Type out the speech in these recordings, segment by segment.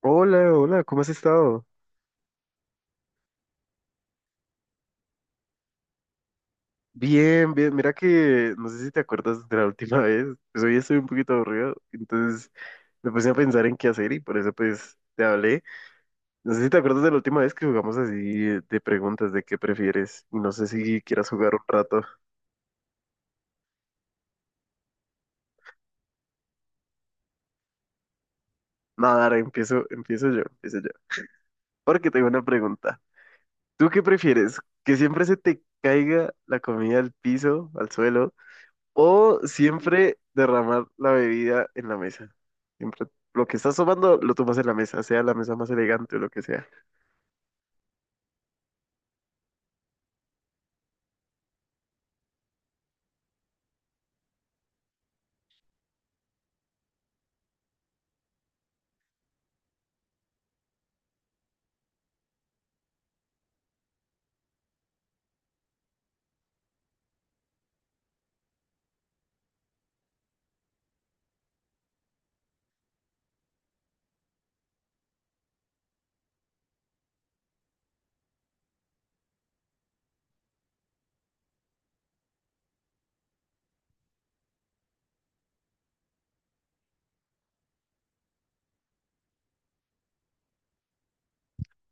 Hola, hola, ¿cómo has estado? Bien, bien, mira que no sé si te acuerdas de la última vez, pues hoy estoy un poquito aburrido, entonces me puse a pensar en qué hacer y por eso pues te hablé. No sé si te acuerdas de la última vez que jugamos así de preguntas de qué prefieres y no sé si quieras jugar un rato. Nada, ahora empiezo, empiezo yo, porque tengo una pregunta. ¿Tú qué prefieres? ¿Que siempre se te caiga la comida al piso, al suelo? O siempre derramar la bebida en la mesa. Siempre lo que estás tomando lo tomas en la mesa, sea la mesa más elegante o lo que sea.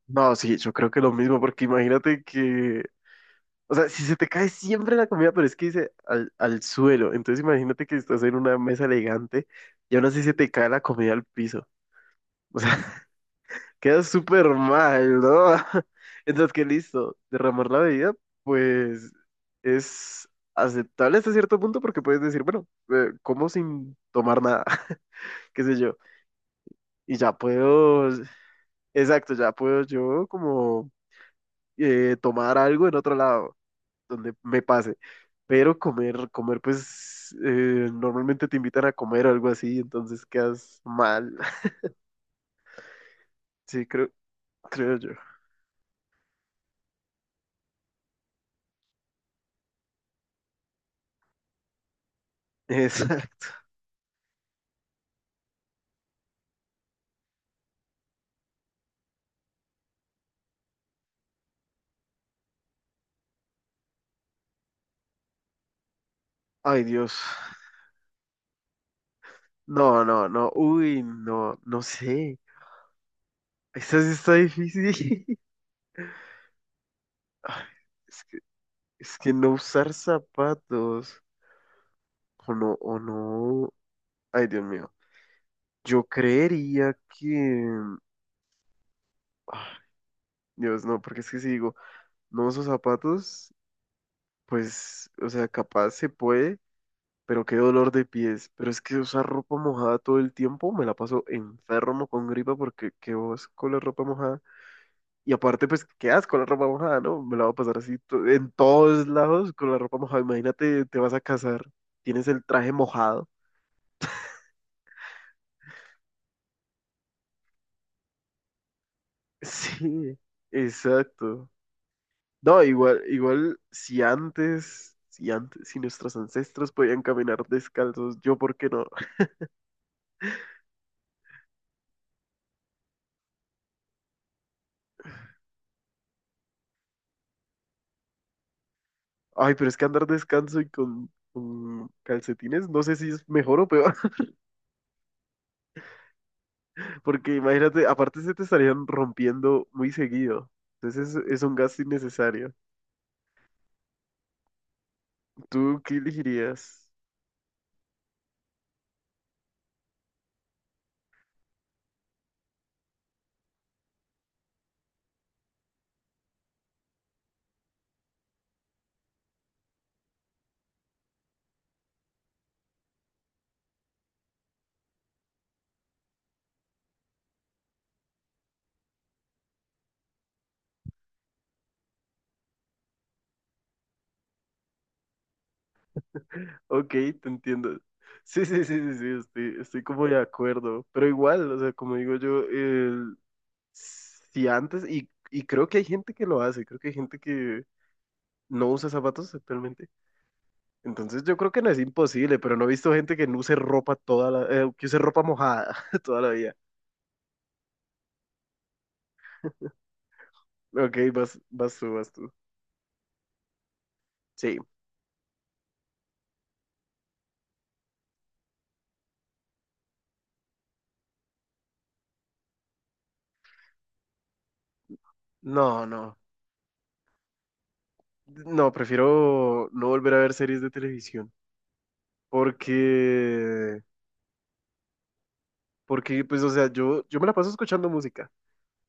No, sí, yo creo que lo mismo, porque imagínate que, o sea, si se te cae siempre la comida, pero es que dice al, al suelo, entonces imagínate que estás en una mesa elegante y aún así se te cae la comida al piso. O sea, queda súper mal, ¿no? Entonces, que listo, derramar la bebida, pues es aceptable hasta cierto punto porque puedes decir, bueno, como sin tomar nada, qué sé yo, y ya puedo, exacto, ya puedo yo como tomar algo en otro lado, donde me pase, pero comer, pues normalmente te invitan a comer o algo así, entonces quedas mal, sí, creo yo. Exacto. Ay, Dios. No, no, no. Uy, no, no sé. Esa sí está difícil. Ay, Es que, es que no usar zapatos. O no, o no. Ay, Dios mío. Yo creería que ah, Dios, no, porque es que si digo, no uso zapatos, pues, o sea, capaz se puede, pero qué dolor de pies. Pero es que usar ropa mojada todo el tiempo, me la paso enfermo con gripa porque qué vos con la ropa mojada. Y aparte, pues, ¿qué asco la ropa mojada, no? Me la voy a pasar así en todos lados con la ropa mojada. Imagínate, te vas a casar, tienes el traje mojado. Sí, exacto. No, igual, igual, si antes, si nuestros ancestros podían caminar descalzos, yo, ¿por qué no? Ay, pero es que andar descalzo y con calcetines, no sé si es mejor o peor, porque imagínate, aparte se te estarían rompiendo muy seguido. Entonces es un gasto innecesario. ¿Tú qué elegirías? Ok, te entiendo. Sí, sí, sí, sí, sí, estoy como de acuerdo. Pero igual, o sea, como digo yo, si antes, y creo que hay gente que lo hace, creo que hay gente que no usa zapatos actualmente. Entonces yo creo que no es imposible, pero no he visto gente que no use ropa toda la, que use ropa mojada toda la vida. Ok, vas tú. Sí, no, no. No, prefiero no volver a ver series de televisión. Porque, porque, pues, o sea, yo me la paso escuchando música.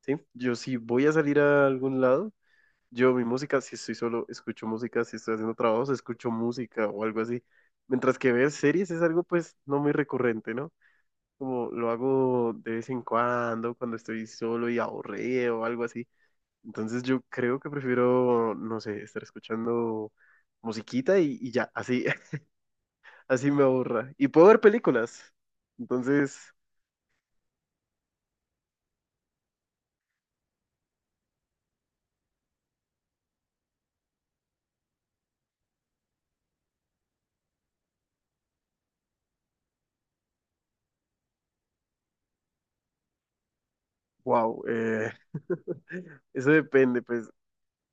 Sí, yo si voy a salir a algún lado, yo mi música, si estoy solo, escucho música, si estoy haciendo trabajos, escucho música o algo así. Mientras que ver series es algo pues no muy recurrente, ¿no? Como lo hago de vez en cuando, cuando estoy solo y aburrido o algo así. Entonces yo creo que prefiero, no sé, estar escuchando musiquita y ya, así, así me aburra. Y puedo ver películas. Entonces, wow, eso depende, pues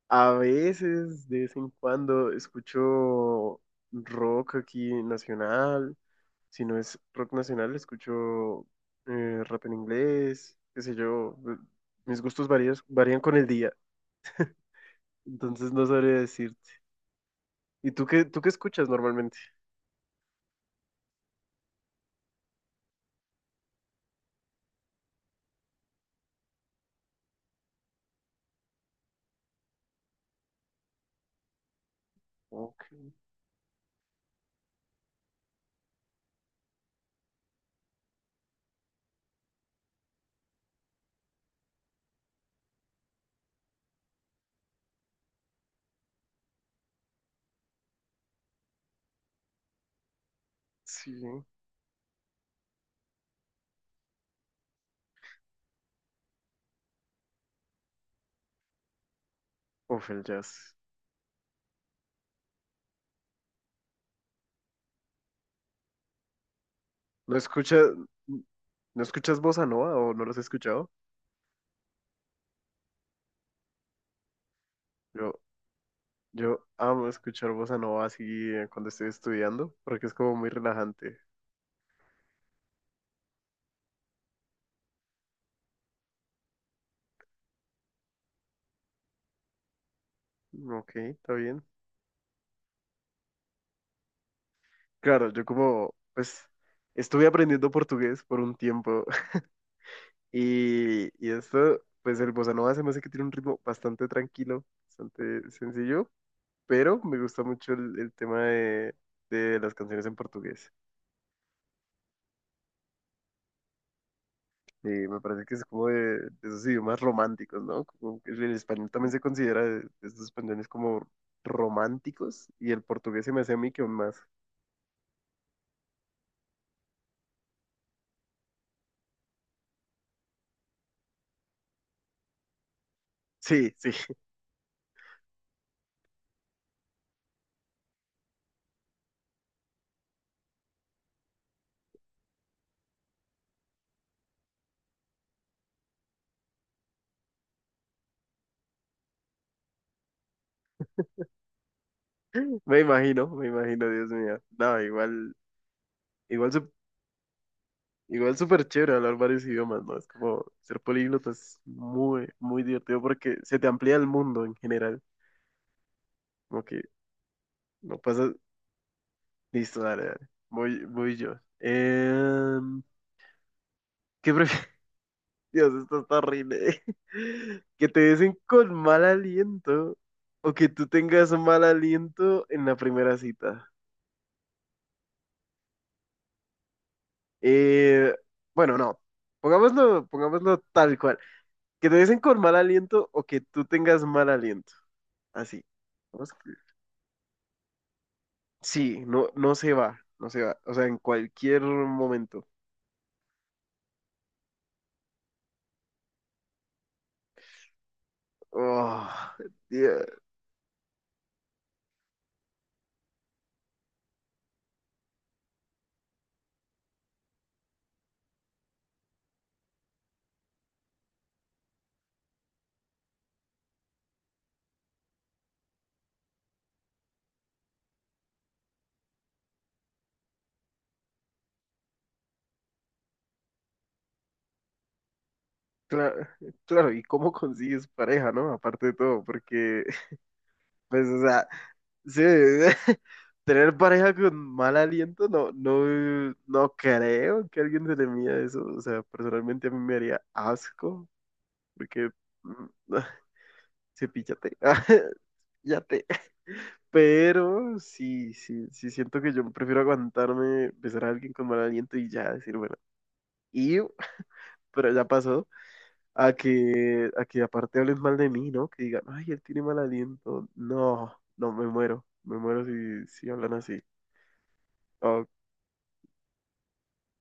a veces, de vez en cuando, escucho rock aquí nacional. Si no es rock nacional, escucho rap en inglés, qué sé yo. Mis gustos varios, varían con el día, entonces no sabría decirte. ¿Y tú qué escuchas normalmente? Ok, sí. Uf, el jazz. ¿No escuchas, no escuchas bossa nova o no los he escuchado? Yo, yo amo escuchar bossa nova así cuando estoy estudiando, porque es como muy relajante. Ok, está bien. Claro, yo como, pues, estuve aprendiendo portugués por un tiempo y esto, pues el bossa nova se me hace que tiene un ritmo bastante tranquilo, bastante sencillo, pero me gusta mucho el tema de las canciones en portugués. Y me parece que es como de esos idiomas románticos, ¿no? Como que el español también se considera de estos españoles como románticos y el portugués se me hace a mí que aún más. Sí, sí, me imagino, Dios mío. No, igual. Igual, igual súper chévere hablar varios idiomas, ¿no? Es como ser políglota es muy, muy divertido porque se te amplía el mundo en general. Como que no pasa. Listo, dale, dale. Voy yo. Em, ¿qué prefieres? Dios, esto está horrible. Que te besen con mal aliento o que tú tengas mal aliento en la primera cita. Eh, bueno, no. Pongámoslo tal cual. Que te besen con mal aliento o que tú tengas mal aliento. Así. Vamos. Sí, no, no se va, no se va. O sea, en cualquier momento. Oh, yeah, claro, ¿y cómo consigues pareja, no? Aparte de todo, porque, pues, o sea, sí, tener pareja con mal aliento, no, no, no creo que a alguien se le mida eso. O sea, personalmente a mí me haría asco, porque, mm, cepíllate, ya. Pero sí, sí, sí siento que yo prefiero aguantarme, besar a alguien con mal aliento y ya decir, bueno, y pero ya pasó, a que aparte hablen mal de mí, ¿no? Que digan, ay, él tiene mal aliento. No, no, me muero si hablan así. Oh,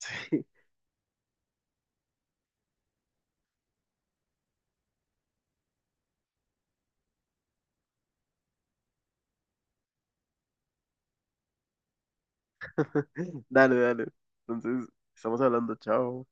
sí. Dale, dale. Entonces, estamos hablando, chao.